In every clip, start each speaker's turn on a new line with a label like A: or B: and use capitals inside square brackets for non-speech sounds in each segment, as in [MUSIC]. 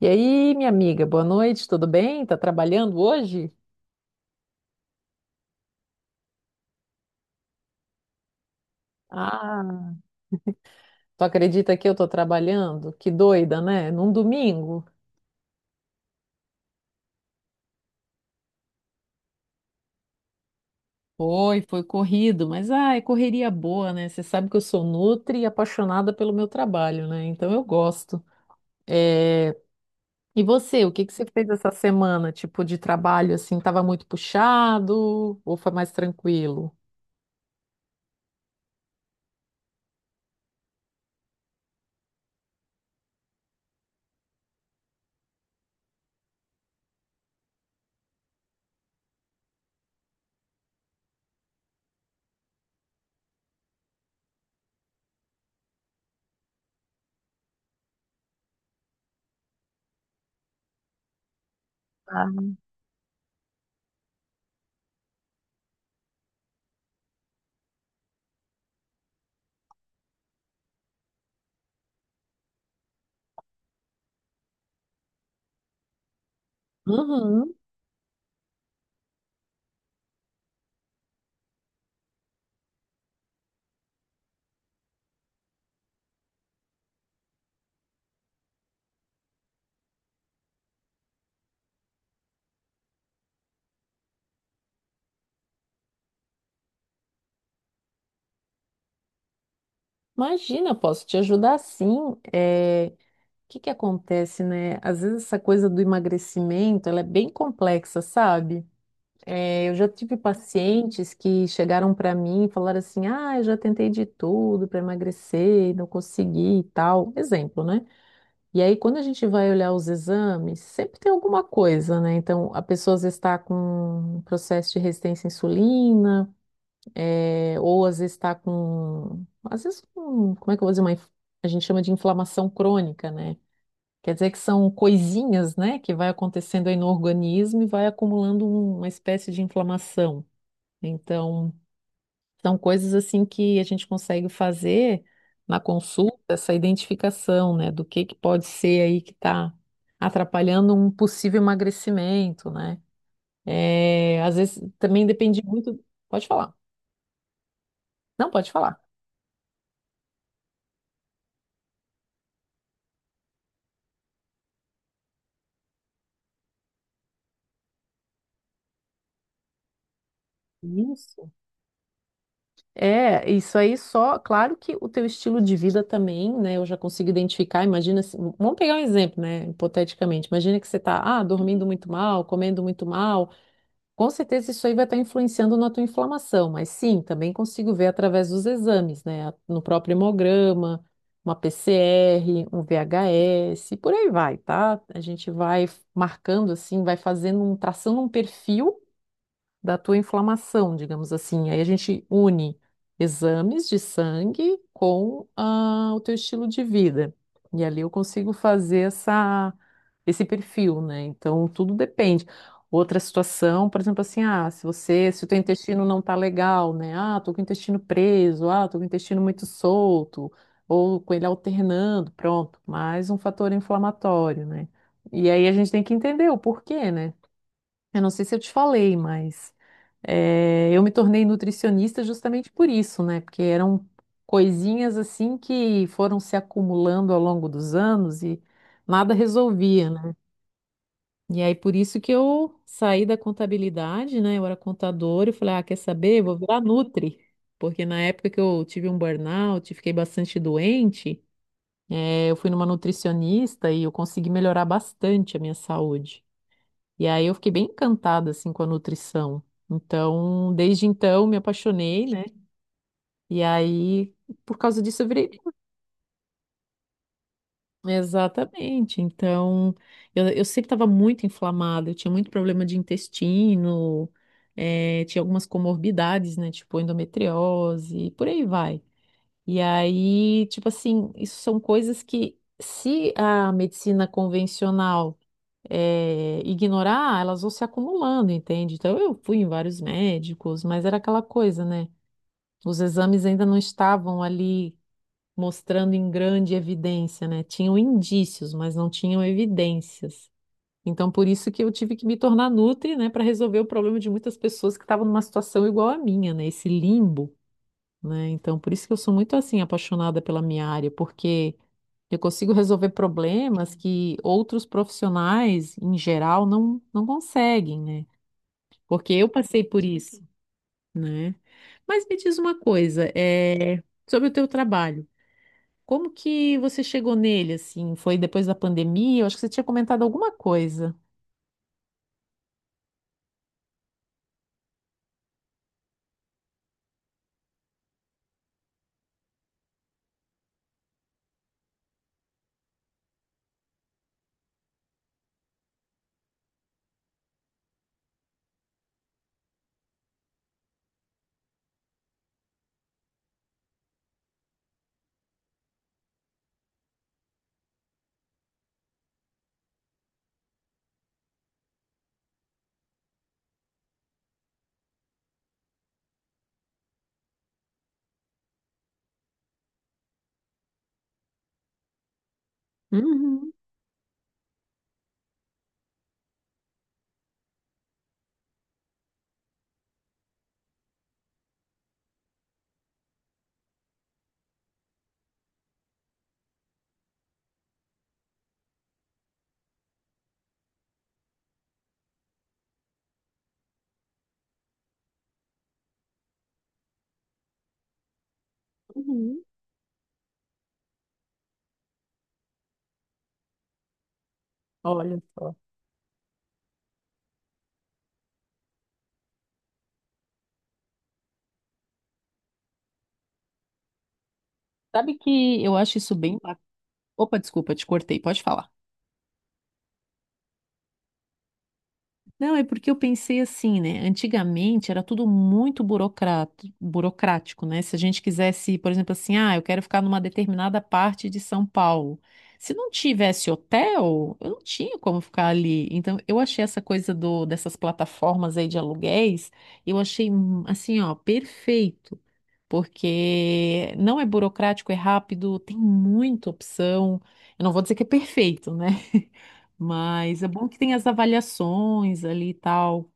A: E aí, minha amiga, boa noite, tudo bem? Tá trabalhando hoje? Ah, tu acredita que eu tô trabalhando? Que doida, né? Num domingo. Foi corrido, mas é correria boa, né? Você sabe que eu sou nutri e apaixonada pelo meu trabalho, né? Então eu gosto. É, E você, o que que você fez essa semana? Tipo, de trabalho, assim, tava muito puxado ou foi mais tranquilo? Ah. Uhum. Imagina, posso te ajudar sim. O que que acontece, né? Às vezes essa coisa do emagrecimento, ela é bem complexa, sabe? É, eu já tive pacientes que chegaram para mim e falaram assim: "Ah, eu já tentei de tudo para emagrecer, e não consegui e tal". Exemplo, né? E aí quando a gente vai olhar os exames, sempre tem alguma coisa, né? Então, a pessoa às vezes está com um processo de resistência à insulina, ou às vezes está com, às vezes, com, como é que eu vou dizer, uma, a gente chama de inflamação crônica, né? Quer dizer que são coisinhas, né, que vai acontecendo aí no organismo e vai acumulando uma espécie de inflamação. Então, são coisas assim que a gente consegue fazer na consulta, essa identificação, né, do que pode ser aí que está atrapalhando um possível emagrecimento, né? É, às vezes também depende muito. Pode falar. Não, pode falar. Isso. É, isso aí só, claro que o teu estilo de vida também, né? Eu já consigo identificar. Imagina, vamos pegar um exemplo, né? Hipoteticamente, imagina que você tá, dormindo muito mal, comendo muito mal. Com certeza isso aí vai estar influenciando na tua inflamação, mas sim, também consigo ver através dos exames, né? No próprio hemograma, uma PCR, um VHS, e por aí vai, tá? A gente vai marcando assim, vai fazendo um, traçando um perfil da tua inflamação, digamos assim. Aí a gente une exames de sangue com o teu estilo de vida. E ali eu consigo fazer essa, esse perfil, né? Então tudo depende. Outra situação, por exemplo, assim, se você, se o teu intestino não tá legal, né? Ah, tô com o intestino preso, ah, tô com o intestino muito solto, ou com ele alternando, pronto, mais um fator inflamatório, né? E aí a gente tem que entender o porquê, né? Eu não sei se eu te falei, mas eu me tornei nutricionista justamente por isso, né? Porque eram coisinhas assim que foram se acumulando ao longo dos anos e nada resolvia, né? E aí por isso que eu saí da contabilidade, né? Eu era contadora e falei, ah, quer saber? Vou virar nutri. Porque na época que eu tive um burnout, fiquei bastante doente, eu fui numa nutricionista e eu consegui melhorar bastante a minha saúde. E aí eu fiquei bem encantada assim com a nutrição. Então, desde então me apaixonei, né? E aí, por causa disso, eu virei. Exatamente. Então, eu sempre estava muito inflamada, eu tinha muito problema de intestino, tinha algumas comorbidades, né? Tipo endometriose, e por aí vai. E aí, tipo assim, isso são coisas que, se a medicina convencional ignorar, elas vão se acumulando, entende? Então eu fui em vários médicos, mas era aquela coisa, né? Os exames ainda não estavam ali mostrando em grande evidência, né? Tinham indícios, mas não tinham evidências. Então por isso que eu tive que me tornar nutri, né, para resolver o problema de muitas pessoas que estavam numa situação igual à minha, né? Esse limbo né? Então, por isso que eu sou muito assim apaixonada pela minha área, porque eu consigo [LAUGHS] resolver problemas que outros profissionais, em geral, não conseguem, né? Porque eu passei por isso, né? Mas me diz uma coisa, sobre o teu trabalho. Como que você chegou nele, assim? Foi depois da pandemia? Eu acho que você tinha comentado alguma coisa. Uhum, uhum. Olha só. Sabe que eu acho isso bem... Opa, desculpa, te cortei. Pode falar. Não, é porque eu pensei assim, né? Antigamente era tudo muito burocrático, né? Se a gente quisesse, por exemplo, assim, ah, eu quero ficar numa determinada parte de São Paulo. Se não tivesse hotel, eu não tinha como ficar ali. Então, eu achei essa coisa do, dessas plataformas aí de aluguéis, eu achei assim, ó, perfeito, porque não é burocrático, é rápido, tem muita opção. Eu não vou dizer que é perfeito, né? Mas é bom que tem as avaliações ali e tal.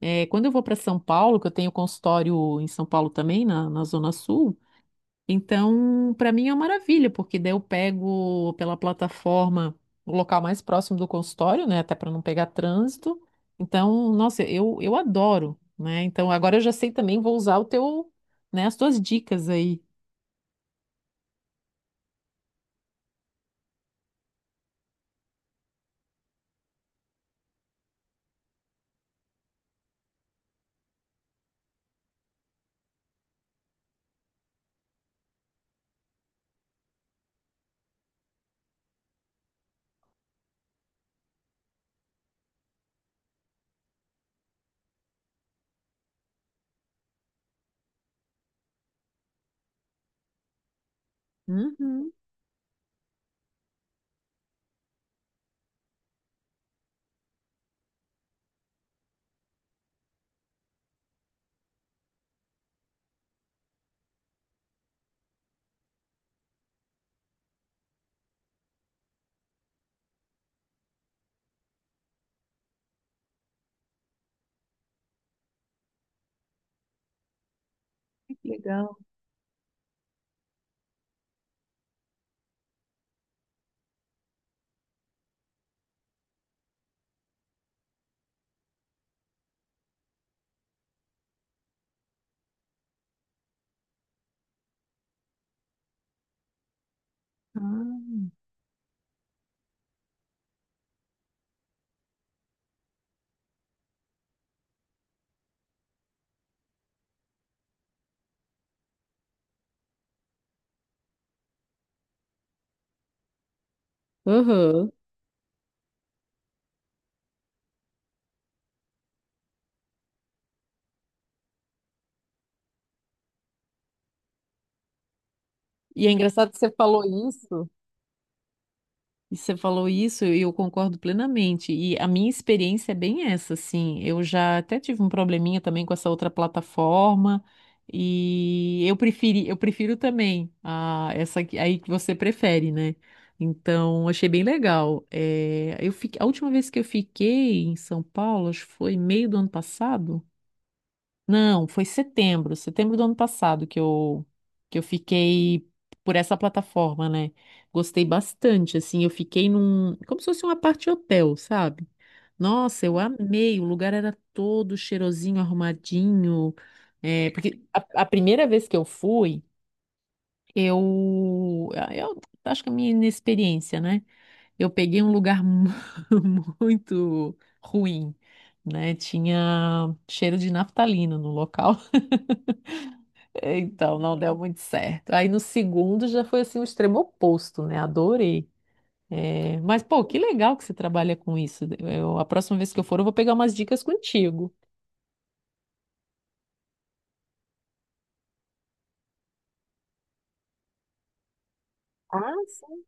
A: É, quando eu vou para São Paulo, que eu tenho consultório em São Paulo também, na Zona Sul, então para mim é uma maravilha, porque daí eu pego pela plataforma o local mais próximo do consultório, né, até para não pegar trânsito. Então, nossa, eu adoro, né? Então agora eu já sei também, vou usar o teu, né, as tuas dicas aí. Uhum, que legal. Ah. Uhum. E é engraçado que você falou isso. E você falou isso e eu concordo plenamente. E a minha experiência é bem essa, assim. Eu já até tive um probleminha também com essa outra plataforma e eu preferi, eu prefiro também a essa aí que você prefere, né? Então, achei bem legal. É, eu fiquei, a última vez que eu fiquei em São Paulo, acho que foi meio do ano passado. Não, foi setembro do ano passado que eu fiquei por essa plataforma, né? Gostei bastante, assim, eu fiquei num, como se fosse uma parte hotel, sabe? Nossa, eu amei, o lugar era todo cheirosinho, arrumadinho, porque a primeira vez que eu fui, eu acho que é a minha inexperiência, né? Eu peguei um lugar [LAUGHS] muito ruim, né? Tinha cheiro de naftalina no local. Então, não deu muito certo. Aí no segundo já foi assim o extremo oposto, né? Adorei. É, mas, pô, que legal que você trabalha com isso. Eu- a próxima vez que eu for, eu vou pegar umas dicas contigo. Ah, sim.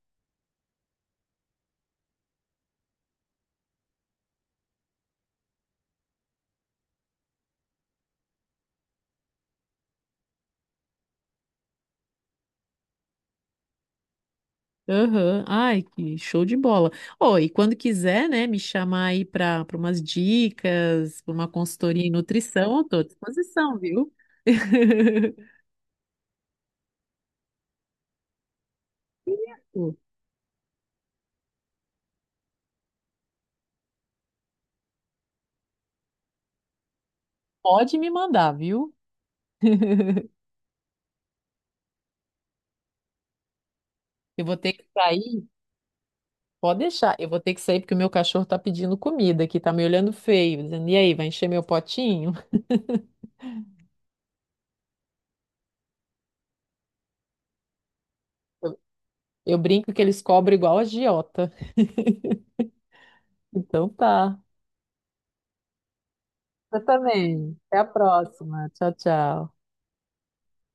A: Aham. Ai, que show de bola. Ó, e quando quiser, né, me chamar aí para umas dicas, para uma consultoria em nutrição, eu tô à disposição, viu? [LAUGHS] Pode me mandar, viu? Eu vou ter que sair. Pode deixar, eu vou ter que sair porque o meu cachorro tá pedindo comida aqui, tá me olhando feio, dizendo, e aí, vai encher meu potinho? Eu, eu brinco que eles cobram igual agiota. Então tá. Eu também. Até a próxima. Tchau, tchau.